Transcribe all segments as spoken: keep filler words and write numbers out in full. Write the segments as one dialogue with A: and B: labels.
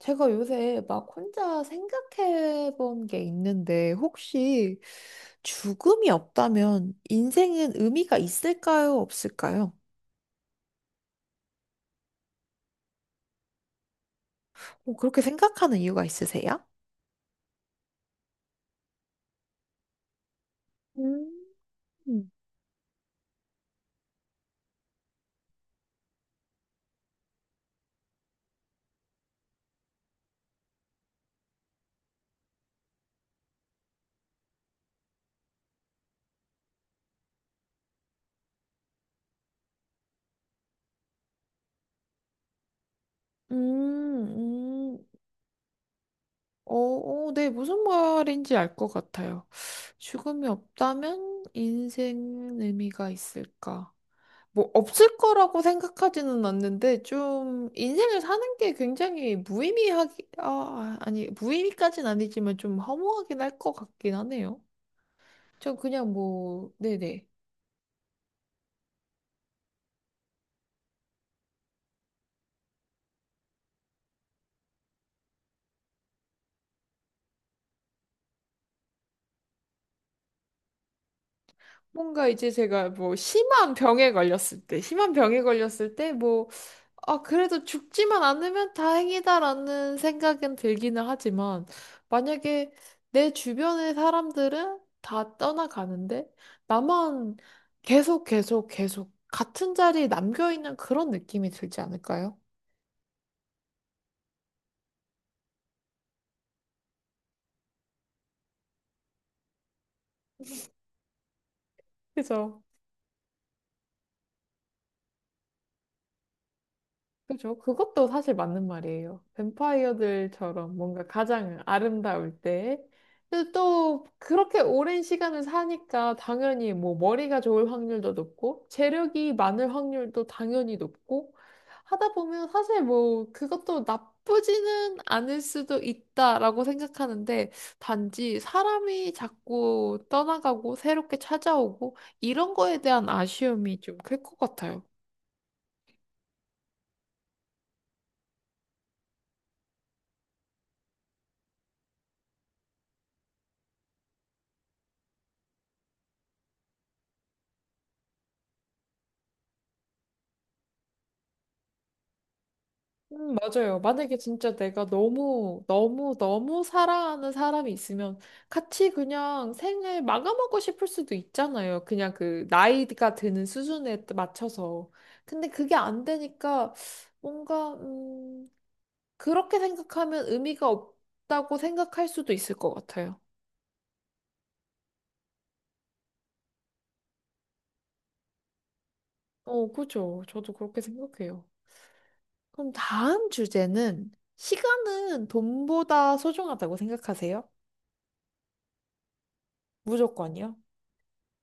A: 제가 요새 막 혼자 생각해 본 게 있는데, 혹시 죽음이 없다면 인생은 의미가 있을까요? 없을까요? 뭐 그렇게 생각하는 이유가 있으세요? 음, 음, 음, 어, 어, 네, 무슨 말인지 알 것 같아요. 죽음이 없다면 인생 의미가 있을까? 뭐 없을 거라고 생각하지는 않는데 좀 인생을 사는 게 굉장히 무의미하기 아 아니 무의미까진 아니지만 좀 허무하긴 할 것 같긴 하네요. 전 그냥 뭐 네네. 뭔가 이제 제가 뭐 심한 병에 걸렸을 때 심한 병에 걸렸을 때뭐 아, 그래도 죽지만 않으면 다행이다라는 생각은 들기는 하지만, 만약에 내 주변의 사람들은 다 떠나가는데, 나만 계속 계속 계속 같은 자리에 남겨있는 그런 느낌이 들지 않을까요? 그죠? 그죠? 그것도 사실 맞는 말이에요. 뱀파이어들처럼 뭔가 가장 아름다울 때. 근데 또 그렇게 오랜 시간을 사니까 당연히 뭐 머리가 좋을 확률도 높고 재력이 많을 확률도 당연히 높고 하다 보면 사실 뭐 그것도 나쁘지는 않을 수도 있다라고 생각하는데 단지 사람이 자꾸 떠나가고 새롭게 찾아오고 이런 거에 대한 아쉬움이 좀 클 것 같아요. 음, 맞아요. 만약에 진짜 내가 너무, 너무, 너무 사랑하는 사람이 있으면 같이 그냥 생을 마감하고 싶을 수도 있잖아요. 그냥 그 나이가 드는 수준에 따- 맞춰서. 근데 그게 안 되니까 뭔가, 음, 그렇게 생각하면 의미가 없다고 생각할 수도 있을 것 같아요. 어, 그죠. 저도 그렇게 생각해요. 그럼 다음 주제는 시간은 돈보다 소중하다고 생각하세요? 무조건이요?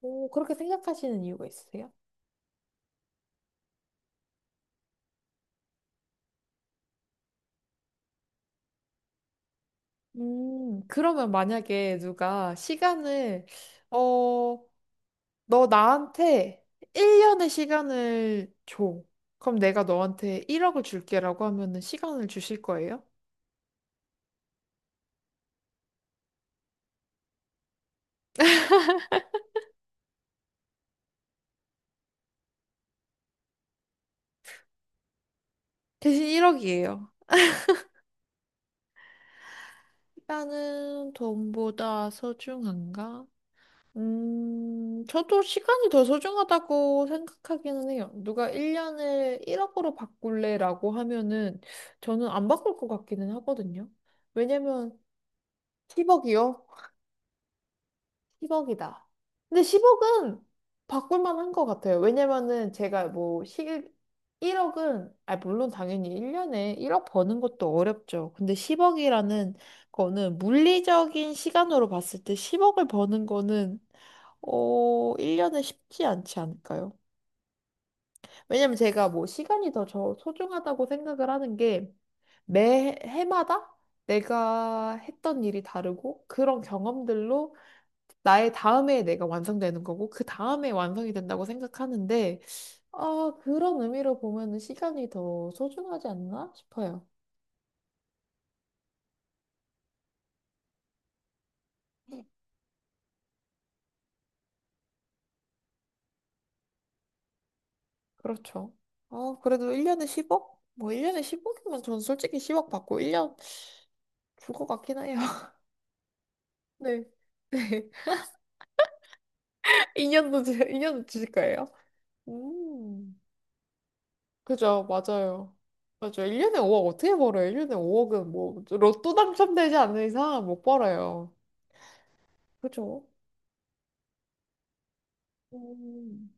A: 오, 그렇게 생각하시는 이유가 있으세요? 음, 그러면 만약에 누가 시간을, 어, 너 나한테 일 년의 시간을 줘. 그럼 내가 너한테 일억을 줄게라고 하면은 시간을 주실 거예요? 대신 일억이에요. 시간은 돈보다 소중한가? 음, 저도 시간이 더 소중하다고 생각하기는 해요. 누가 일 년을 일억으로 바꿀래라고 하면은 저는 안 바꿀 것 같기는 하거든요. 왜냐면 십억이요? 십억이다. 근데 십억은 바꿀 만한 것 같아요. 왜냐면은 제가 뭐 시, 일억은, 아, 물론 당연히 일 년에 일억 버는 것도 어렵죠. 근데 십억이라는 거는 물리적인 시간으로 봤을 때 십억을 버는 거는 어, 일 년은 쉽지 않지 않을까요? 왜냐면 제가 뭐 시간이 더 저 소중하다고 생각을 하는 게 매 해마다 내가 했던 일이 다르고 그런 경험들로 나의 다음에 내가 완성되는 거고 그 다음에 완성이 된다고 생각하는데 아, 그런 의미로 보면은 시간이 더 소중하지 않나 싶어요. 그렇죠. 어, 그래도 일 년에 십억? 뭐 일 년에 십억이면 전 솔직히 십억 받고 일 년 줄 것 같긴 해요. 네. 이 년도, 이 년도 주실 거예요? 음, 그죠, 맞아요. 맞아요. 일 년에 오억 어떻게 벌어요? 일 년에 오억은 뭐, 로또 당첨되지 않는 이상 못 벌어요. 그죠? 음.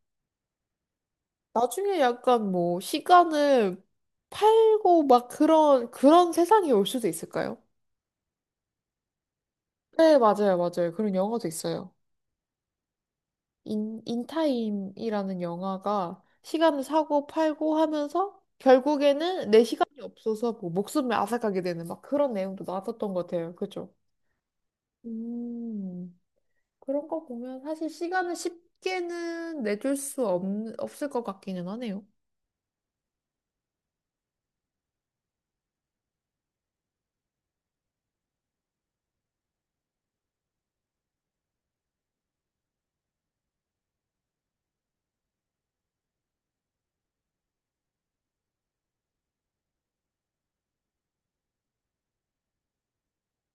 A: 나중에 약간 뭐, 시간을 팔고 막 그런, 그런 세상이 올 수도 있을까요? 네, 맞아요, 맞아요. 그런 영화도 있어요. 인, 인타임이라는 영화가 시간을 사고 팔고 하면서 결국에는 내 시간이 없어서 뭐 목숨을 앗아가게 되는 막 그런 내용도 나왔었던 것 같아요. 그죠? 음, 그런 거 보면 사실 시간을 쉽게는 내줄 수 없, 없을 것 같기는 하네요.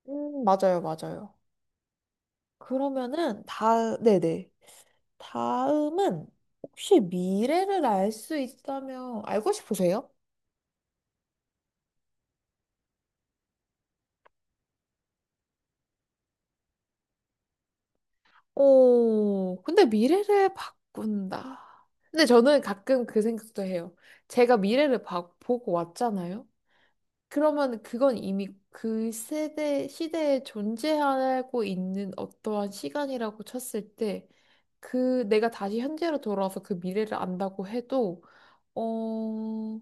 A: 음, 맞아요, 맞아요. 그러면은 다, 네네. 다음은 혹시 미래를 알 수 있다면 알고 싶으세요? 오, 근데 미래를 바꾼다. 근데 저는 가끔 그 생각도 해요. 제가 미래를 봐- 보고 왔잖아요. 그러면 그건 이미 그 세대, 시대에 존재하고 있는 어떠한 시간이라고 쳤을 때, 그 내가 다시 현재로 돌아와서 그 미래를 안다고 해도, 어,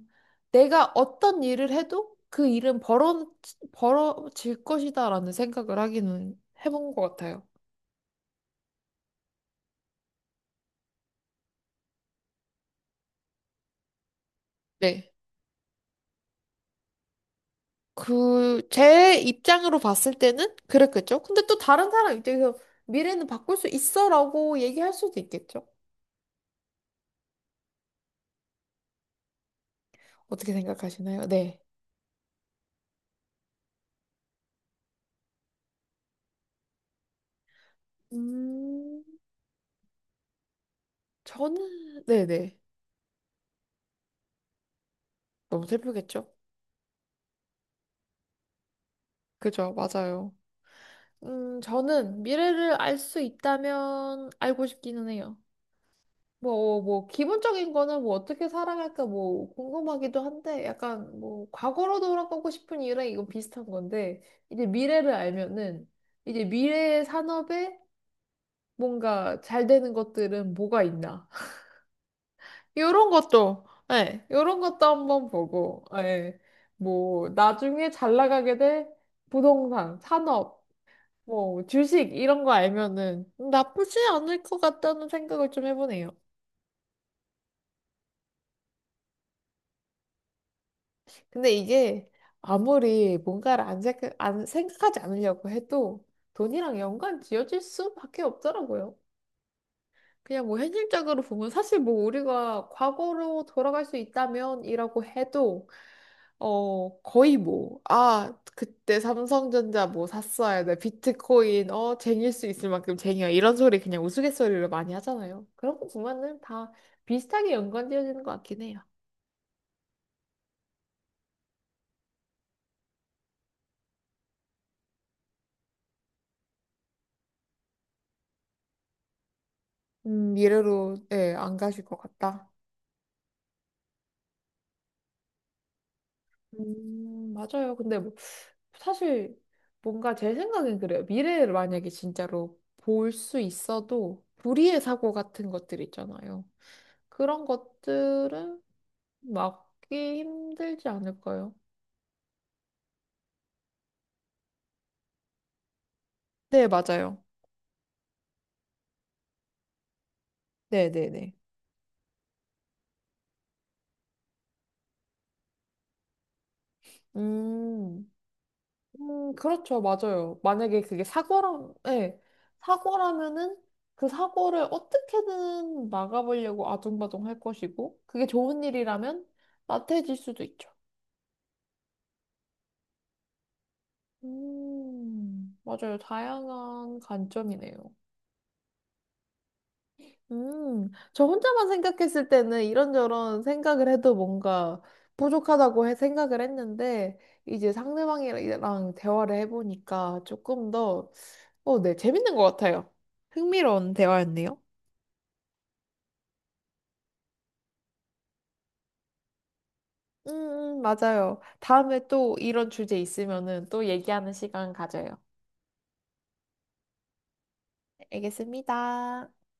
A: 내가 어떤 일을 해도 그 일은 벌어, 벌어질 것이다라는 생각을 하기는 해본 것 같아요. 네. 그, 제 입장으로 봤을 때는 그랬겠죠. 근데 또 다른 사람 입장에서 미래는 바꿀 수 있어라고 얘기할 수도 있겠죠. 어떻게 생각하시나요? 네. 음, 저는, 네네. 너무 슬프겠죠? 그죠, 맞아요. 음, 저는 미래를 알 수 있다면 알고 싶기는 해요. 뭐, 뭐, 기본적인 거는 뭐 어떻게 살아갈까 뭐 궁금하기도 한데 약간 뭐 과거로 돌아가고 싶은 이유랑 이건 비슷한 건데 이제 미래를 알면은 이제 미래의 산업에 뭔가 잘 되는 것들은 뭐가 있나. 요런 것도, 예, 요런 것도 한번 보고, 예, 뭐 나중에 잘 나가게 될 부동산, 산업, 뭐 주식 이런 거 알면은 나쁘지 않을 것 같다는 생각을 좀 해보네요. 근데 이게 아무리 뭔가를 안 생각, 안 생각하지 않으려고 해도 돈이랑 연관 지어질 수밖에 없더라고요. 그냥 뭐 현실적으로 보면 사실 뭐 우리가 과거로 돌아갈 수 있다면이라고 해도 어 거의 뭐 아 그때 삼성전자 뭐 샀어야 돼 비트코인 어 쟁일 수 있을 만큼 쟁여 이런 소리 그냥 우스갯소리로 많이 하잖아요. 그런 거 보면은 다 비슷하게 연관 지어지는 것 같긴 해요. 음 미래로 예안 가실 것 같다. 음, 맞아요. 근데 뭐, 사실 뭔가 제 생각엔 그래요. 미래를 만약에 진짜로 볼 수 있어도 불의의 사고 같은 것들 있잖아요. 그런 것들은 막기 힘들지 않을까요? 네, 맞아요. 네, 네, 네. 음, 음, 그렇죠. 맞아요. 만약에 그게 사고라면, 네, 사고라면은 그 사고를 어떻게든 막아보려고 아둥바둥 할 것이고, 그게 좋은 일이라면 나태해질 수도 있죠. 음, 맞아요. 다양한 관점이네요. 음, 저 혼자만 생각했을 때는 이런저런 생각을 해도 뭔가 부족하다고 해- 생각을 했는데, 이제 상대방이랑 대화를 해보니까 조금 더, 어, 네, 재밌는 것 같아요. 흥미로운 대화였네요. 음, 음, 맞아요. 다음에 또 이런 주제 있으면은 또 얘기하는 시간 가져요. 알겠습니다.